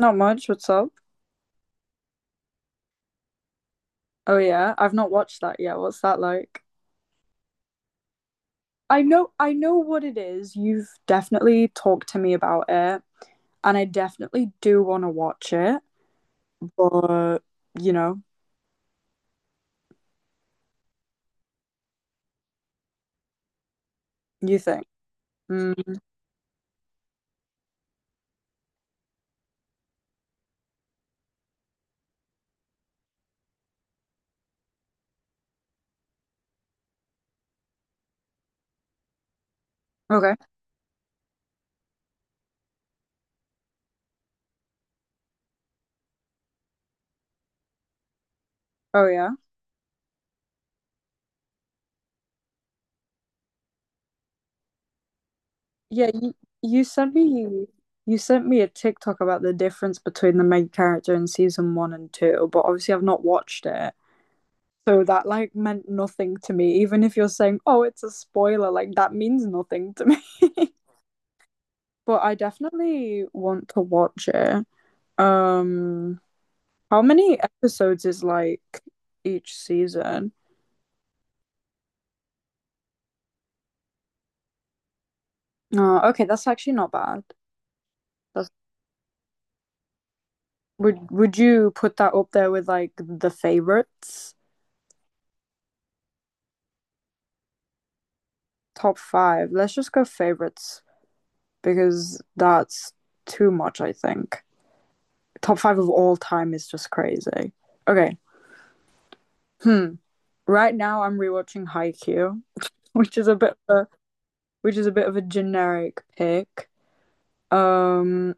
Not much. What's up? Oh yeah, I've not watched that yet. What's that like? I know what it is. You've definitely talked to me about it, and I definitely do want to watch it, but you know, you think. Mm, okay. Oh yeah. Yeah, you sent me you sent me a TikTok about the difference between the main character in season 1 and 2, but obviously I've not watched it. So that like meant nothing to me. Even if you're saying, "Oh, it's a spoiler," like that means nothing to me. But I definitely want to watch it. Um, how many episodes is like each season? Oh, okay, that's actually not bad. That's, would you put that up there with like the favorites? Top five. Let's just go favorites because that's too much, I think. Top five of all time is just crazy. Okay. Hmm. Right now I'm rewatching Haikyuu, which is a bit of a, which is a bit of a generic pick. Um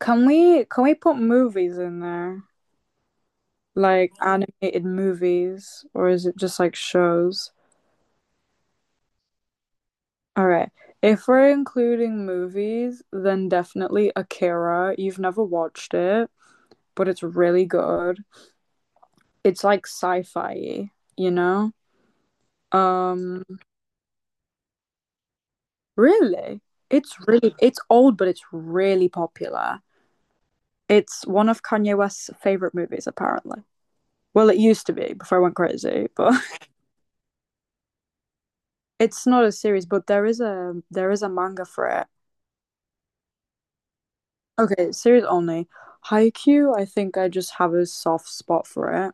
can we put movies in there? Like animated movies, or is it just like shows? All right. If we're including movies, then definitely Akira. You've never watched it, but it's really good. It's like sci-fi, you know? Um, really? It's old, but it's really popular. It's one of Kanye West's favorite movies, apparently. Well, it used to be before I went crazy, but It's not a series, but there is a manga for it. Okay, series only. Haikyuu, I think I just have a soft spot for it.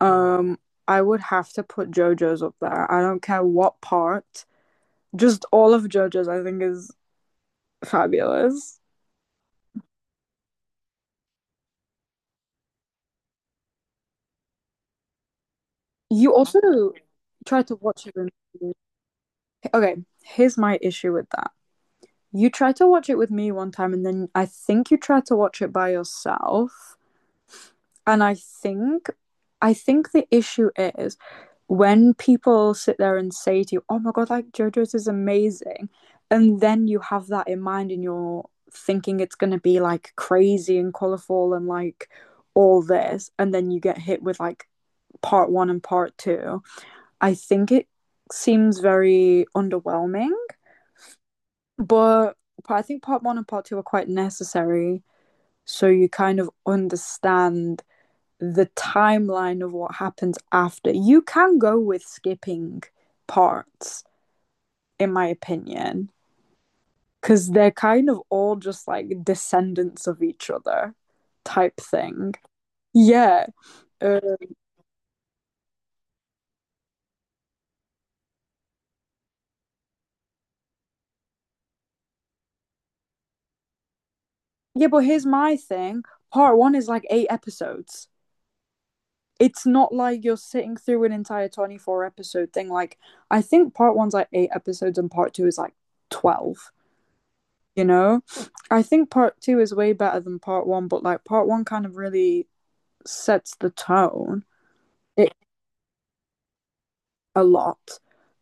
Um, I would have to put JoJo's up there. I don't care what part. Just all of JoJo's, I think, is fabulous. You also try to watch it with me. Okay, here's my issue with that. You tried to watch it with me one time, and then I think you tried to watch it by yourself. And I think the issue is when people sit there and say to you, "Oh my god, like JoJo's is amazing," and then you have that in mind and you're thinking it's going to be like crazy and colorful and like all this, and then you get hit with like part one and part two. I think it seems very underwhelming, but I think part one and part two are quite necessary so you kind of understand the timeline of what happens after. You can go with skipping parts, in my opinion, because they're kind of all just like descendants of each other type thing. Yeah. Uh, yeah, but here's my thing. Part one is like eight episodes. It's not like you're sitting through an entire 24 episode thing. Like, I think part one's like eight episodes and part two is like 12. You know, I think part two is way better than part one, but like part one kind of really sets the tone. It a lot.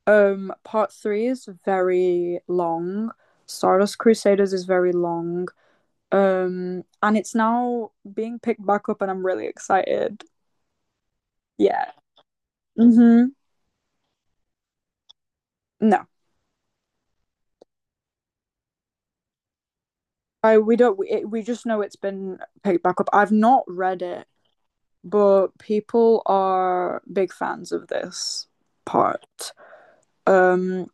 Part three is very long. Stardust Crusaders is very long. And it's now being picked back up, and I'm really excited. Yeah. Mm-hmm. No i we don't we, it, we just know it's been picked back up. I've not read it. But people are big fans of this part. um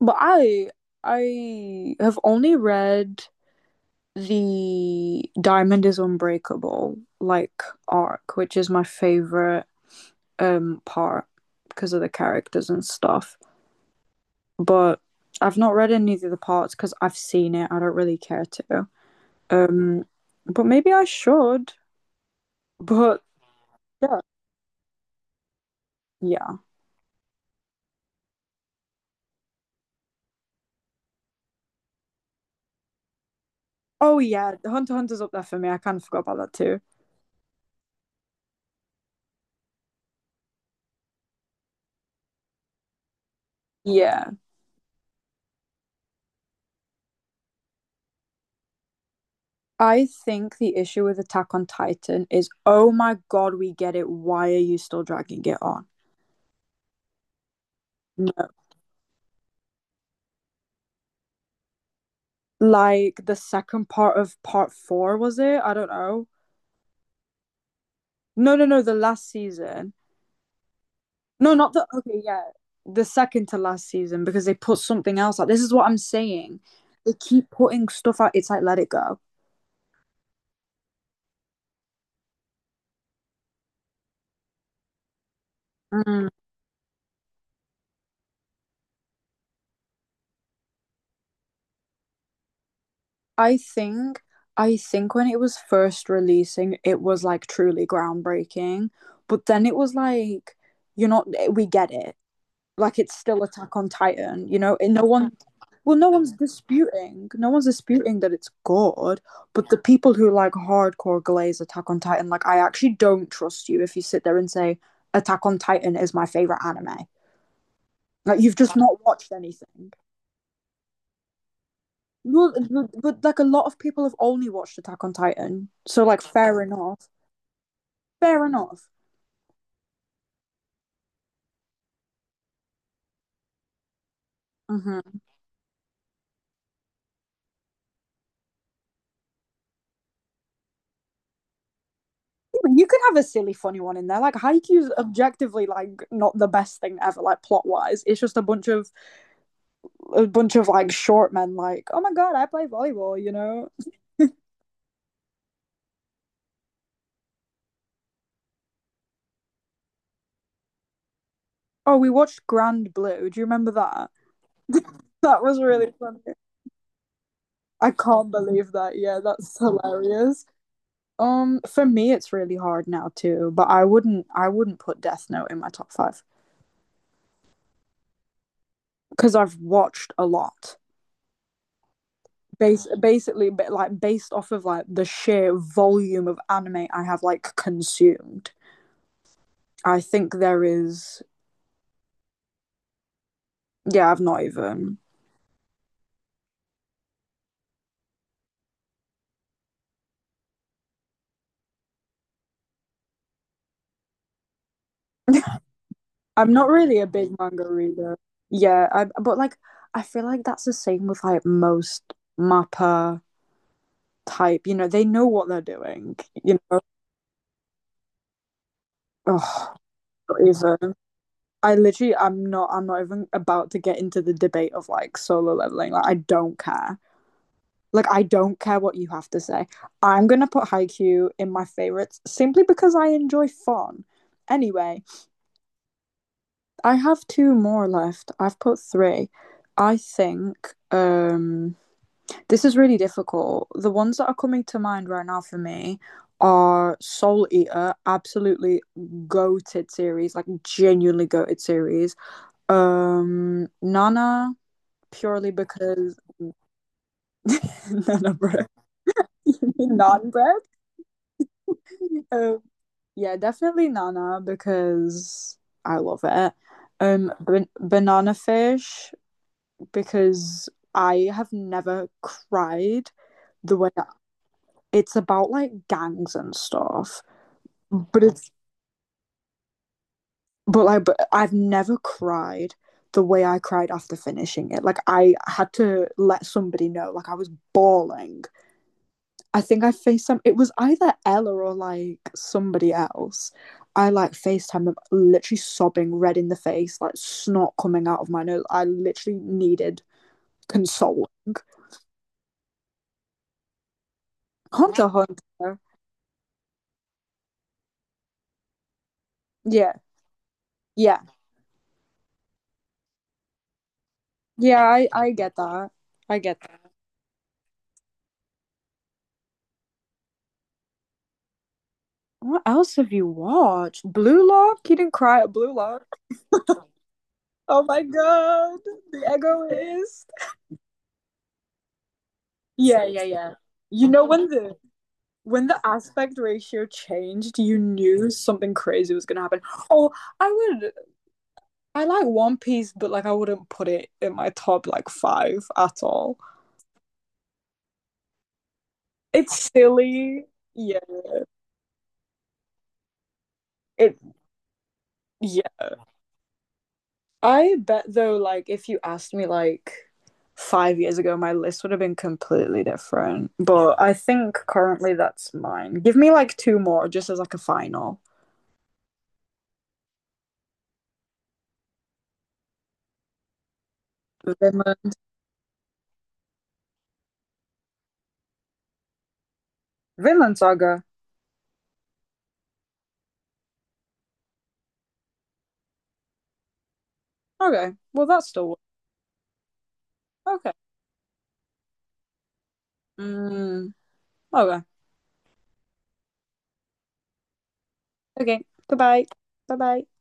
But I have only read the Diamond is Unbreakable like arc, which is my favorite part because of the characters and stuff. But I've not read any of the parts because I've seen it. I don't really care to. Um, but maybe I should. But yeah, yeah. Oh yeah, Hunter x Hunter's up there for me. I kind of forgot about that too. Yeah. I think the issue with Attack on Titan is, oh my god, we get it. Why are you still dragging it on? No. Like the second part of part four, was it? I don't know. No, no, no, the last season. No, not the. Okay, yeah. The second to last season because they put something else out. This is what I'm saying. They keep putting stuff out. It's like, let it go. Mm. I think I think when it was first releasing, it was like truly groundbreaking, but then it was like, you're not, we get it. Like it's still Attack on Titan, you know, and no one, well, no one's disputing that it's good, but the people who like hardcore glaze Attack on Titan, like I actually don't trust you if you sit there and say Attack on Titan is my favorite anime. Like you've just not watched anything. Well, but like a lot of people have only watched Attack on Titan, so like fair enough, fair enough. Hmm. You could have a silly, funny one in there. Like Haikyuu's objectively like not the best thing ever, like plot wise. It's just a bunch of like short men. Like, oh my god, I play volleyball. You know? Oh, we watched Grand Blue. Do you remember that? That was really funny. I can't believe that. Yeah, that's hilarious. For me, it's really hard now too. But I wouldn't put Death Note in my top five because I've watched a lot. Basically, but like based off of like the sheer volume of anime I have like consumed, I think there is. Yeah, I've not even. I'm not really a big manga reader. Yeah, but like I feel like that's the same with like most mappa type. You know, they know what they're doing. You know, oh, not even. I literally, I'm not even about to get into the debate of like solo leveling. Like, I don't care. Like, I don't care what you have to say. I'm going to put Haikyuu in my favorites simply because I enjoy fun. Anyway, I have two more left. I've put three. I think this is really difficult. The ones that are coming to mind right now for me are Soul Eater, absolutely goated series, like genuinely goated series. Nana, purely because Nana bread, non bread. Um, Yeah, definitely Nana because I love it. Banana fish because I have never cried the way it's about like gangs and stuff, but it's but like but I've never cried the way I cried after finishing it. Like I had to let somebody know, like I was bawling. I think I FaceTime. It was either Ella or like somebody else. I like FaceTime them, literally sobbing, red in the face, like snot coming out of my nose. I literally needed consoling. Hunter, Hunter. Yeah, yeah, yeah. I get that. I get that. What else have you watched? Blue Lock. You didn't cry at Blue Lock. Oh my god, The Egoist. Yeah, yeah, yeah. You know when the aspect ratio changed, you knew something crazy was gonna happen. Oh, I would I like One Piece, but like I wouldn't put it in my top like five at all. It's silly. Yeah, it yeah. I bet though, like if you asked me like 5 years ago, my list would have been completely different. But I think currently that's mine. Give me like two more just as like a final. Vinland Vinland Saga. Okay. Well that's still okay. Mm, okay. Okay. Goodbye. Bye bye.